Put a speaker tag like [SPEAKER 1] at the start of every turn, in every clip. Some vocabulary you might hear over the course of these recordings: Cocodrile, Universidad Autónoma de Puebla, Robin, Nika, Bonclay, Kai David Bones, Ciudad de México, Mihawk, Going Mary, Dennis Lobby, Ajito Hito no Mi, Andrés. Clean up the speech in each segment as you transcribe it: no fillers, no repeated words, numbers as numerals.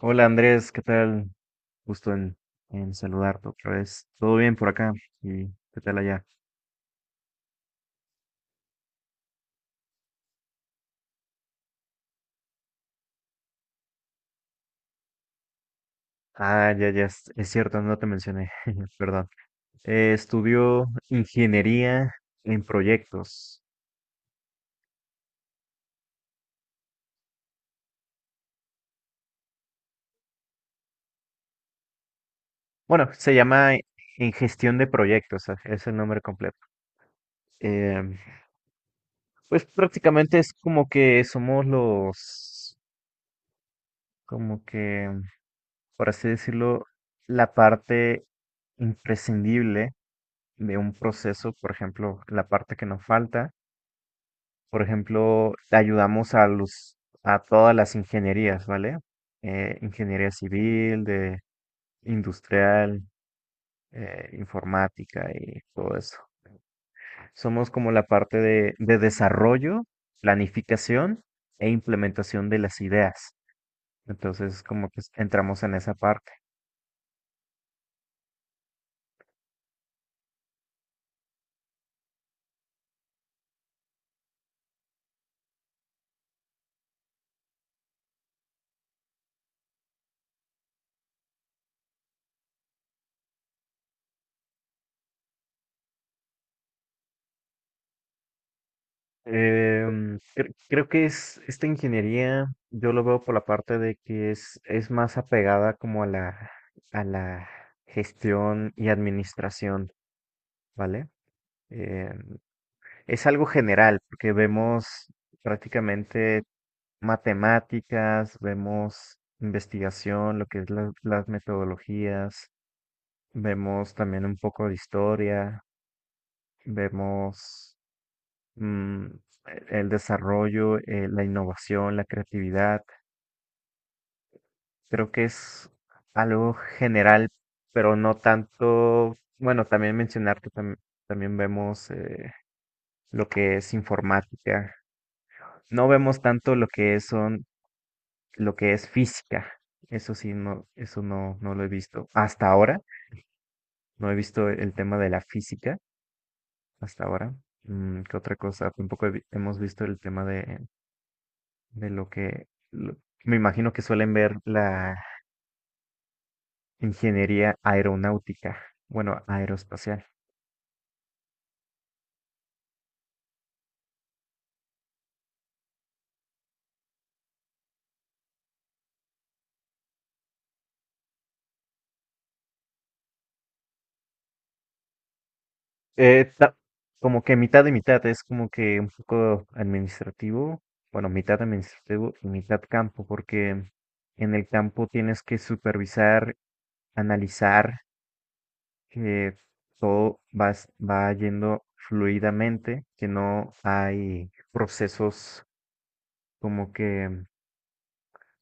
[SPEAKER 1] Hola Andrés, ¿qué tal? Gusto en saludarte otra vez. ¿Todo bien por acá? ¿Y qué tal allá? Ah, ya, ya, es cierto, no te mencioné, perdón. Estudió ingeniería en proyectos. Bueno, se llama en gestión de proyectos, ah, es el nombre completo. Em, pues prácticamente es como que somos los, como que, por así decirlo, la parte imprescindible de un proceso, por ejemplo, la parte que nos falta. Por ejemplo, ayudamos a los, a todas las ingenierías, ¿vale? Ingeniería civil, de industrial, informática y todo eso. Somos como la parte de desarrollo, planificación e implementación de las ideas. Entonces, como que entramos en esa parte. Creo que es esta ingeniería, yo lo veo por la parte de que es más apegada como a la gestión y administración, ¿vale? Em, es algo general, porque vemos prácticamente matemáticas, vemos investigación, lo que es las metodologías, vemos también un poco de historia, vemos mm, el desarrollo, la innovación, la creatividad. Creo que es algo general, pero no tanto, bueno, también mencionar que también vemos lo que es informática. No vemos tanto lo que es, son, lo que es física. Eso sí, no, eso no, no lo he visto. Hasta ahora, no he visto el tema de la física hasta ahora. Mm, ¿qué otra cosa? Tampoco hemos visto el tema de lo que lo- me imagino que suelen ver la ingeniería aeronáutica, bueno, aeroespacial. Eh, ta- Como que mitad y mitad, es como que un poco administrativo, bueno, mitad administrativo y mitad campo, porque en el campo tienes que supervisar, analizar que todo va, va yendo fluidamente, que no hay procesos como que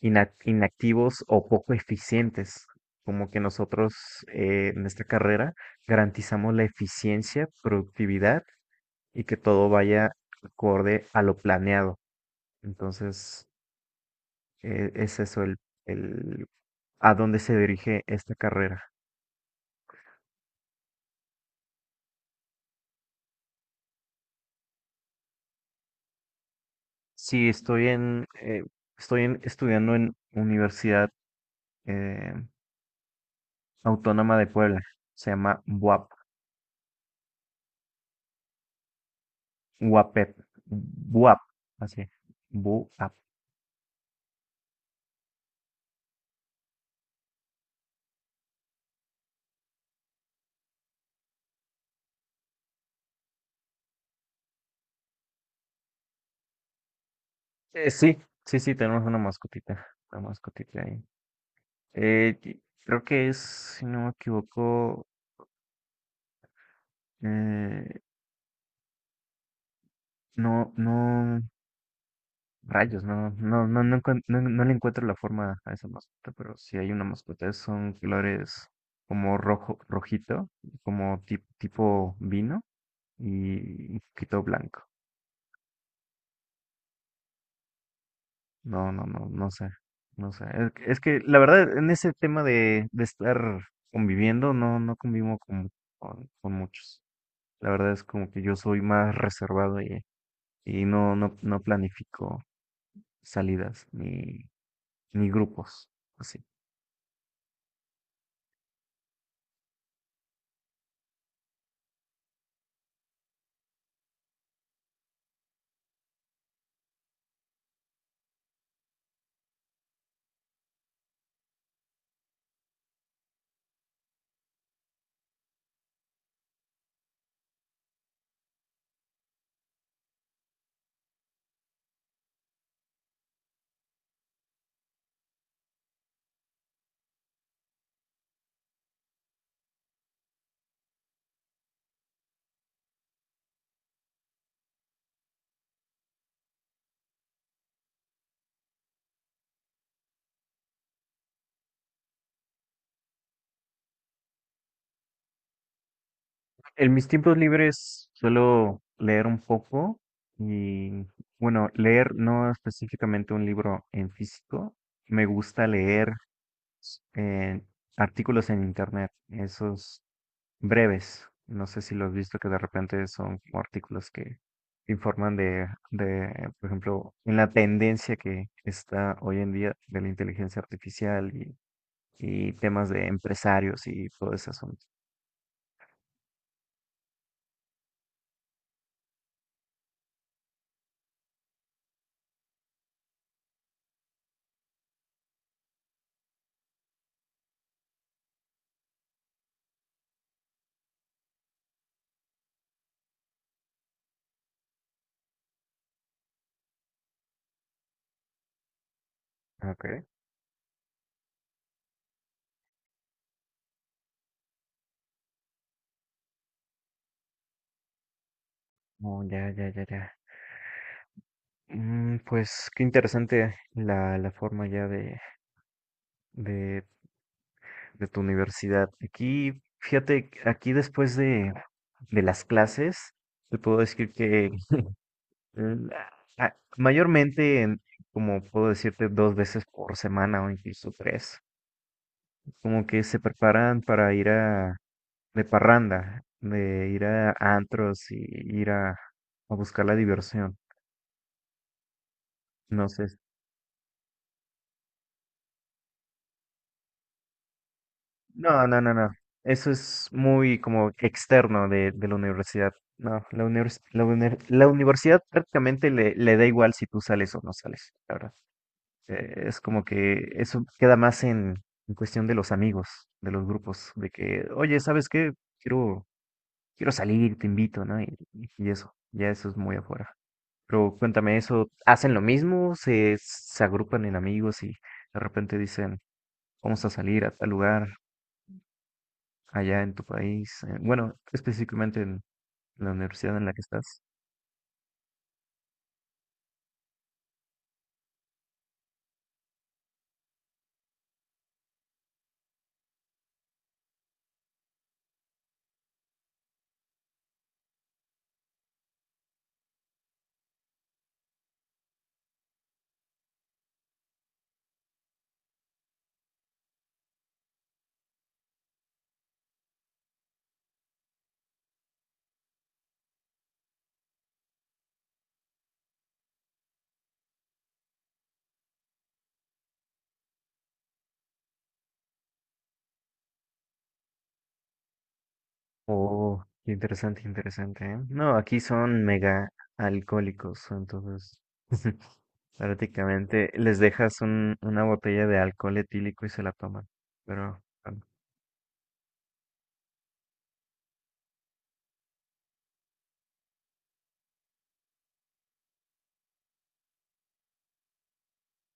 [SPEAKER 1] inactivos o poco eficientes. Como que nosotros en esta carrera garantizamos la eficiencia, productividad y que todo vaya acorde a lo planeado. Entonces, es eso el a dónde se dirige esta carrera. Sí, estudiando en Universidad eh, Autónoma de Puebla. Se llama BUAP, UAPEP, BUAP, así, BUAP. Sí, sí, sí, tenemos una mascotita ahí. Y creo que es, si no me equivoco, eh, no, no, rayos, no, no, no, no, no, no le encuentro la forma a esa mascota, pero sí hay una mascota, son colores como rojo, rojito, como tipo vino y un poquito blanco. No, no, no, no sé, no sé. Es que, la verdad, en ese tema de estar conviviendo, no, no convivo con muchos. La verdad es como que yo soy más reservado y no, no, no planifico salidas ni, ni grupos. Así. En mis tiempos libres suelo leer un poco y, bueno, leer no específicamente un libro en físico. Me gusta leer eh, artículos en internet. Esos breves. No sé si lo has visto que de repente son como artículos que informan de, por ejemplo, en la tendencia que está hoy en día de la inteligencia artificial y temas de empresarios y todo ese asunto. Ok. Oh, ya, ya, ya, ya. Mm, pues qué interesante la forma ya de, de tu universidad. Aquí, fíjate, aquí después de las clases, te puedo decir que mm, ah, mayormente, como puedo decirte, dos veces por semana o incluso tres, como que se preparan para ir a de parranda, de ir a antros y ir a buscar la diversión. No sé. No, no, no, no. Eso es muy como externo de la universidad. No, la universidad prácticamente le da igual si tú sales o no sales, la verdad. Es como que eso queda más en cuestión de los amigos, de los grupos, de que, oye, ¿sabes qué? Quiero, quiero salir, te invito, ¿no? Y eso, ya eso es muy afuera. Pero cuéntame eso, ¿hacen lo mismo? ¿Se, se agrupan en amigos y de repente dicen, vamos a salir a tal lugar allá en tu país? Bueno, específicamente en la universidad en la que estás. Oh, qué interesante, interesante, ¿eh? No, aquí son mega alcohólicos, entonces. Prácticamente les dejas un, una botella de alcohol etílico y se la toman. Pero, bueno.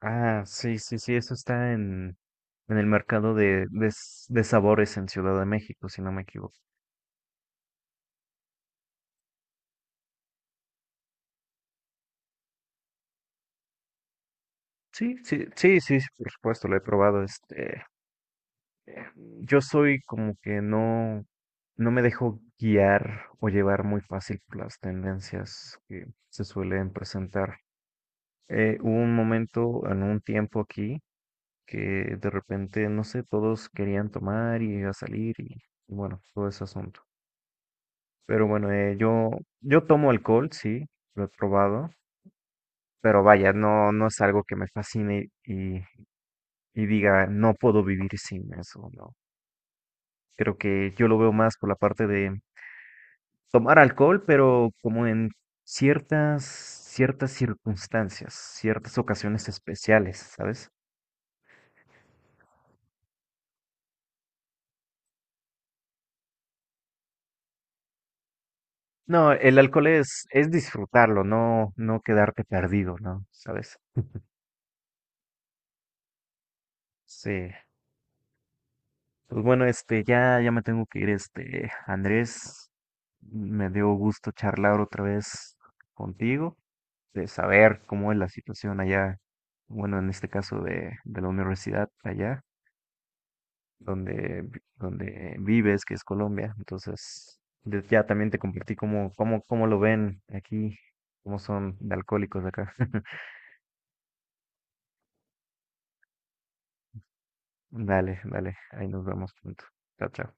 [SPEAKER 1] Ah, sí, sí, sí, eso está en el mercado de, de sabores en Ciudad de México, si no me equivoco. Sí, sí, sí, sí, sí, por supuesto, lo he probado. Este, eh, yo soy como que no, no me dejo guiar o llevar muy fácil por las tendencias que se suelen presentar. Hubo un momento, en un tiempo aquí, que de repente, no sé, todos querían tomar y a salir y bueno, todo ese asunto. Pero bueno, yo, yo tomo alcohol, sí, lo he probado, pero vaya, no, no es algo que me fascine y diga, no puedo vivir sin eso, no. Creo que yo lo veo más por la parte de tomar alcohol, pero como en ciertas, ciertas circunstancias, ciertas ocasiones especiales, ¿sabes? No, el alcohol es disfrutarlo, no, no quedarte perdido, ¿no? ¿Sabes? Sí. Pues bueno, este, ya, ya me tengo que ir, este, Andrés. Me dio gusto charlar otra vez contigo, de saber cómo es la situación allá, bueno, en este caso de la universidad allá, donde, donde vives, que es Colombia. Entonces, ya también te compartí cómo, cómo, cómo lo ven aquí, cómo son de alcohólicos acá. Dale, dale, ahí nos vemos pronto. Chao, chao.